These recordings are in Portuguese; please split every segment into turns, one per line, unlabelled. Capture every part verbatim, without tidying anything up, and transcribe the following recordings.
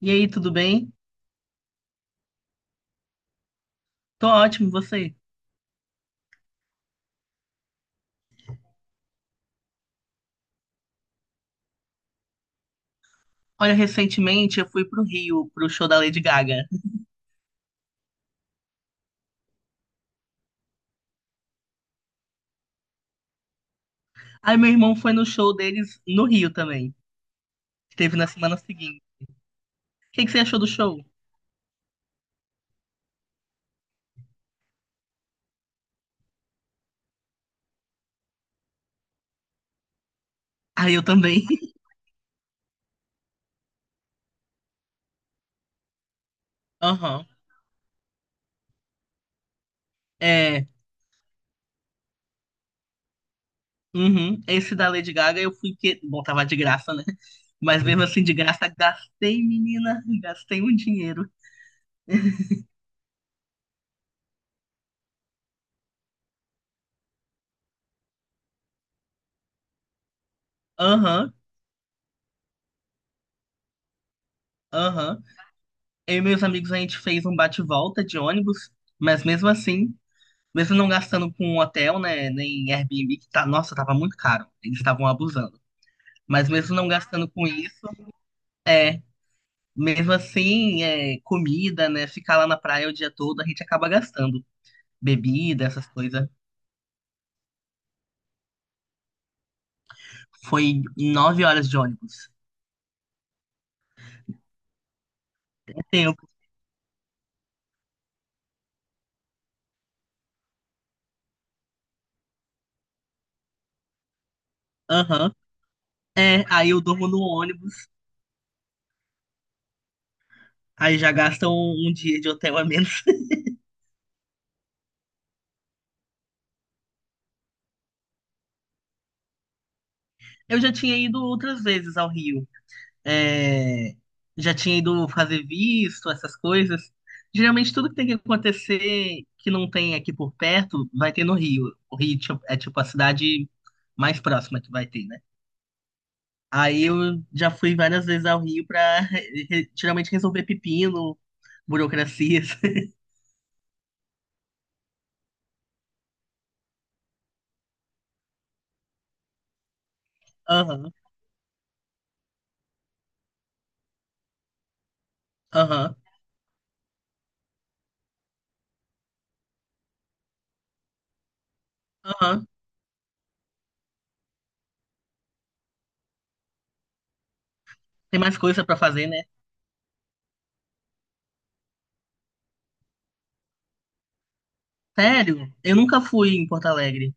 E aí, tudo bem? Tô ótimo, e você? Olha, recentemente eu fui pro Rio, pro show da Lady Gaga. Aí meu irmão foi no show deles no Rio também. Que Teve na semana seguinte. O que que você achou do show? Ah, eu também. Aham. É. Uhum. Esse da Lady Gaga eu fui porque. Bom, tava de graça, né? Mas mesmo assim, de graça, gastei, menina. Gastei um dinheiro. Aham, aham. Eu e meus amigos, a gente fez um bate-volta de ônibus. Mas mesmo assim. Mesmo não gastando com um hotel, né? Nem Airbnb, que tá, nossa, tava muito caro. Eles estavam abusando. Mas mesmo não gastando com isso, é. Mesmo assim, é, comida, né? Ficar lá na praia o dia todo, a gente acaba gastando. Bebida, essas coisas. Foi nove horas de ônibus. Um tempo. Aham. É, aí eu durmo no ônibus. Aí já gastam um, um dia de hotel a menos. Eu já tinha ido outras vezes ao Rio. É, já tinha ido fazer visto, essas coisas. Geralmente tudo que tem que acontecer que não tem aqui por perto, vai ter no Rio. O Rio tipo, é tipo a cidade mais próxima que vai ter, né? Aí eu já fui várias vezes ao Rio pra re- re- geralmente resolver pepino, burocracias. Aham, aham, aham. Tem mais coisa pra fazer, né? Sério? Eu nunca fui em Porto Alegre.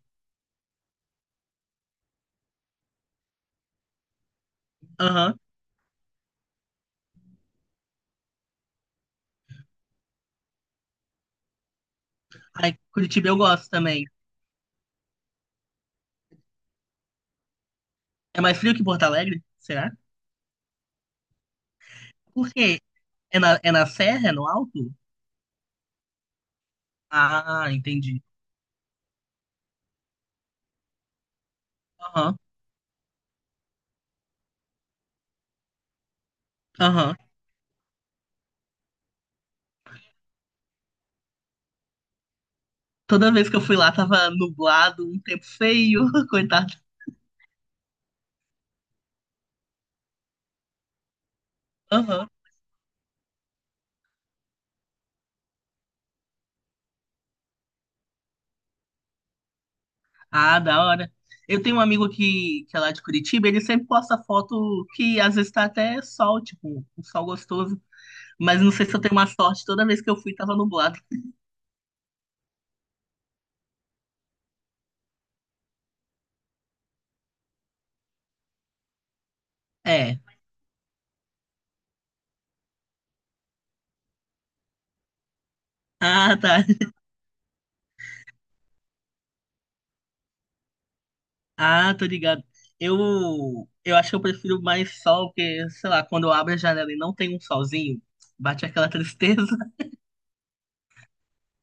Aham. Ai, Curitiba eu gosto também. É mais frio que Porto Alegre? Será? Por quê? É na, é na serra? É no alto? Ah, entendi. Aham, aham. Toda vez que eu fui lá tava nublado, um tempo feio, coitado. Aham. Ah, da hora. Eu tenho um amigo que, que é lá de Curitiba, ele sempre posta foto que às vezes tá até sol, tipo, um sol gostoso. Mas não sei se eu tenho uma sorte, toda vez que eu fui tava nublado. É. Ah, tá. Ah, tô ligado. Eu, eu acho que eu prefiro mais sol, porque, sei lá, quando eu abro a janela e não tem um solzinho, bate aquela tristeza.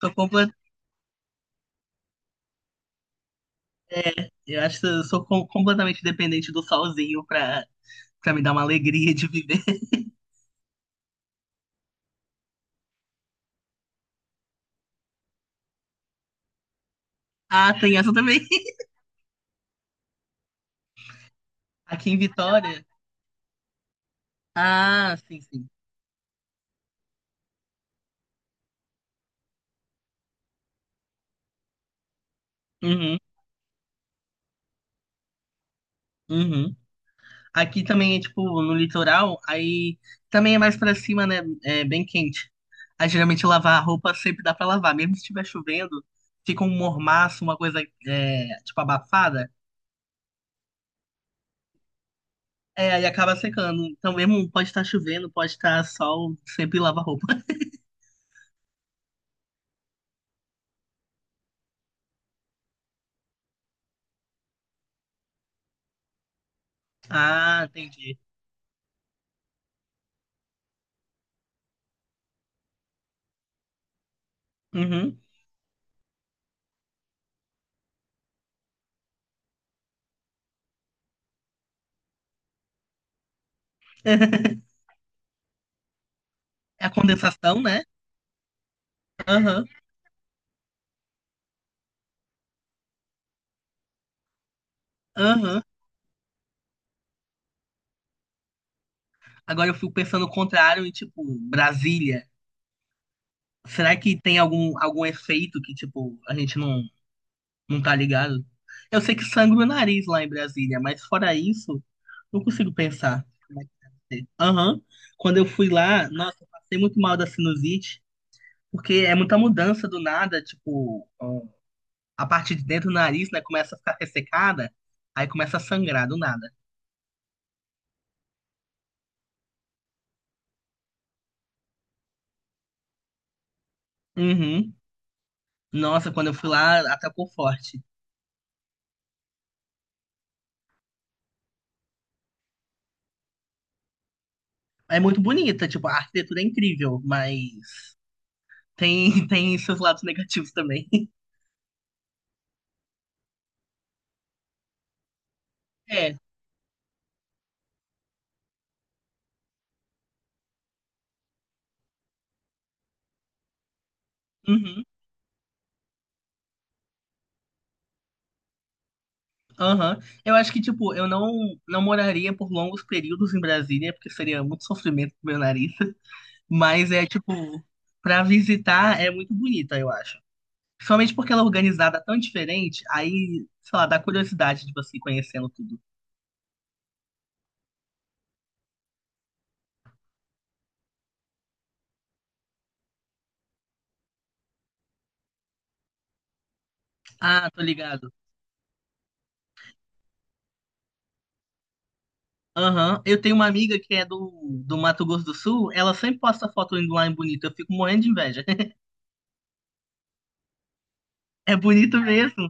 Tô. Eu acho que eu sou com- completamente dependente do solzinho pra, pra me dar uma alegria de viver. Ah, tem essa também. Aqui em Vitória. Ah, sim, sim. Uhum, uhum. Aqui também é tipo no litoral, aí também é mais pra cima, né? É bem quente. Aí geralmente lavar a roupa sempre dá pra lavar, mesmo se estiver chovendo, fica um mormaço, uma coisa é, tipo abafada. É, aí acaba secando. Então mesmo pode estar chovendo, pode estar sol, sempre lava a roupa. Ah, entendi. Uhum. É a condensação, né? Aham, aham. Agora eu fico pensando o contrário e, tipo, Brasília. Será que tem algum, algum efeito que, tipo, a gente não, não tá ligado? Eu sei que sangra o nariz lá em Brasília, mas fora isso, não consigo pensar. Como é que deve ser. Aham. Quando eu fui lá, nossa, eu passei muito mal da sinusite, porque é muita mudança do nada, tipo, ó, a parte de dentro do nariz, né, começa a ficar ressecada, aí começa a sangrar do nada. Uhum. Nossa, quando eu fui lá, atacou forte. É muito bonita, tipo, a arquitetura é incrível, mas tem, tem seus lados negativos também. É, uhum, aham. Eu acho que, tipo, eu não, não moraria por longos períodos em Brasília, porque seria muito sofrimento pro meu nariz, mas é, tipo, pra visitar é muito bonita, eu acho. Principalmente porque ela é organizada tão diferente, aí, sei lá, dá curiosidade de você ir conhecendo tudo. Ah, tô ligado. Aham. Eu tenho uma amiga que é do, do Mato Grosso do Sul, ela sempre posta foto indo lá em Bonito, eu fico morrendo de inveja. É bonito mesmo.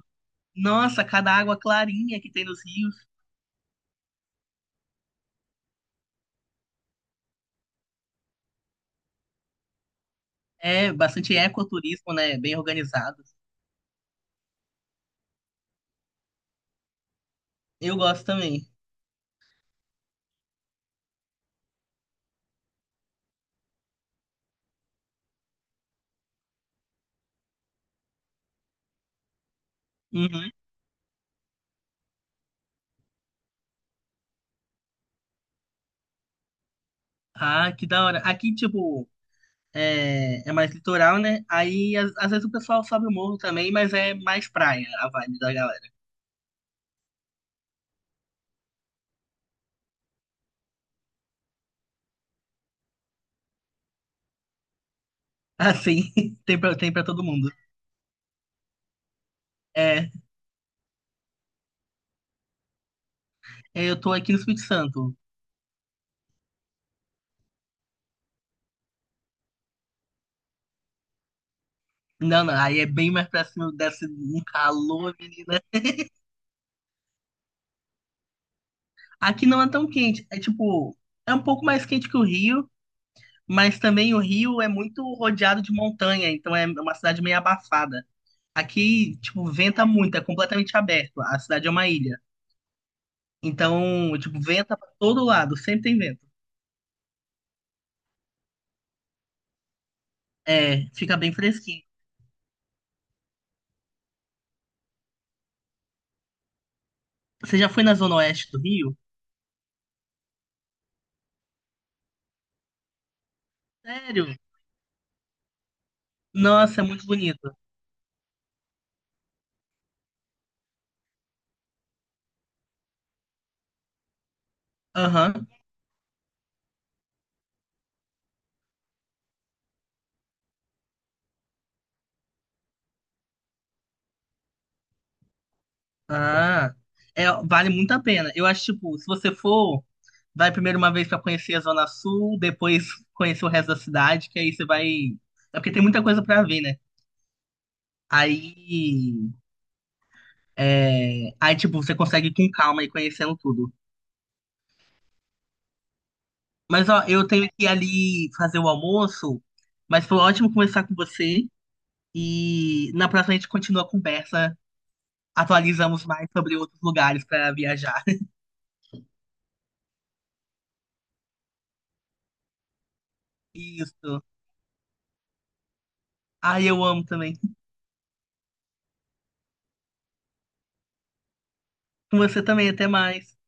Nossa, cada água clarinha que tem nos rios. É bastante ecoturismo, né? Bem organizado. Eu gosto também. Uhum. Ah, que da hora. Aqui, tipo, é, é mais litoral, né? Aí, às, às vezes o pessoal sobe o morro também, mas é mais praia a vibe da galera. Assim, tem pra, tem pra todo mundo. É, é, eu tô aqui no Espírito Santo. Não, não, aí é bem mais pra cima, desce um calor, menina. Aqui não é tão quente, é tipo, é um pouco mais quente que o Rio, mas também o Rio é muito rodeado de montanha, então é uma cidade meio abafada. Aqui, tipo, venta muito, é completamente aberto. A cidade é uma ilha. Então, tipo, venta pra todo lado, sempre tem vento. É, fica bem fresquinho. Você já foi na zona oeste do Rio? Sério? Nossa, é muito bonito. Aham. Ah, é, vale muito a pena. Eu acho, tipo, se você for, vai primeiro uma vez pra conhecer a zona sul, depois conhecer o resto da cidade, que aí você vai. É porque tem muita coisa pra ver, né? Aí, é, aí, tipo, você consegue ir com calma e conhecendo tudo. Mas, ó, eu tenho que ir ali fazer o almoço, mas foi ótimo conversar com você. E na próxima a gente continua a conversa, atualizamos mais sobre outros lugares para viajar. Isso. Ai, eu amo também. Com você também, até mais.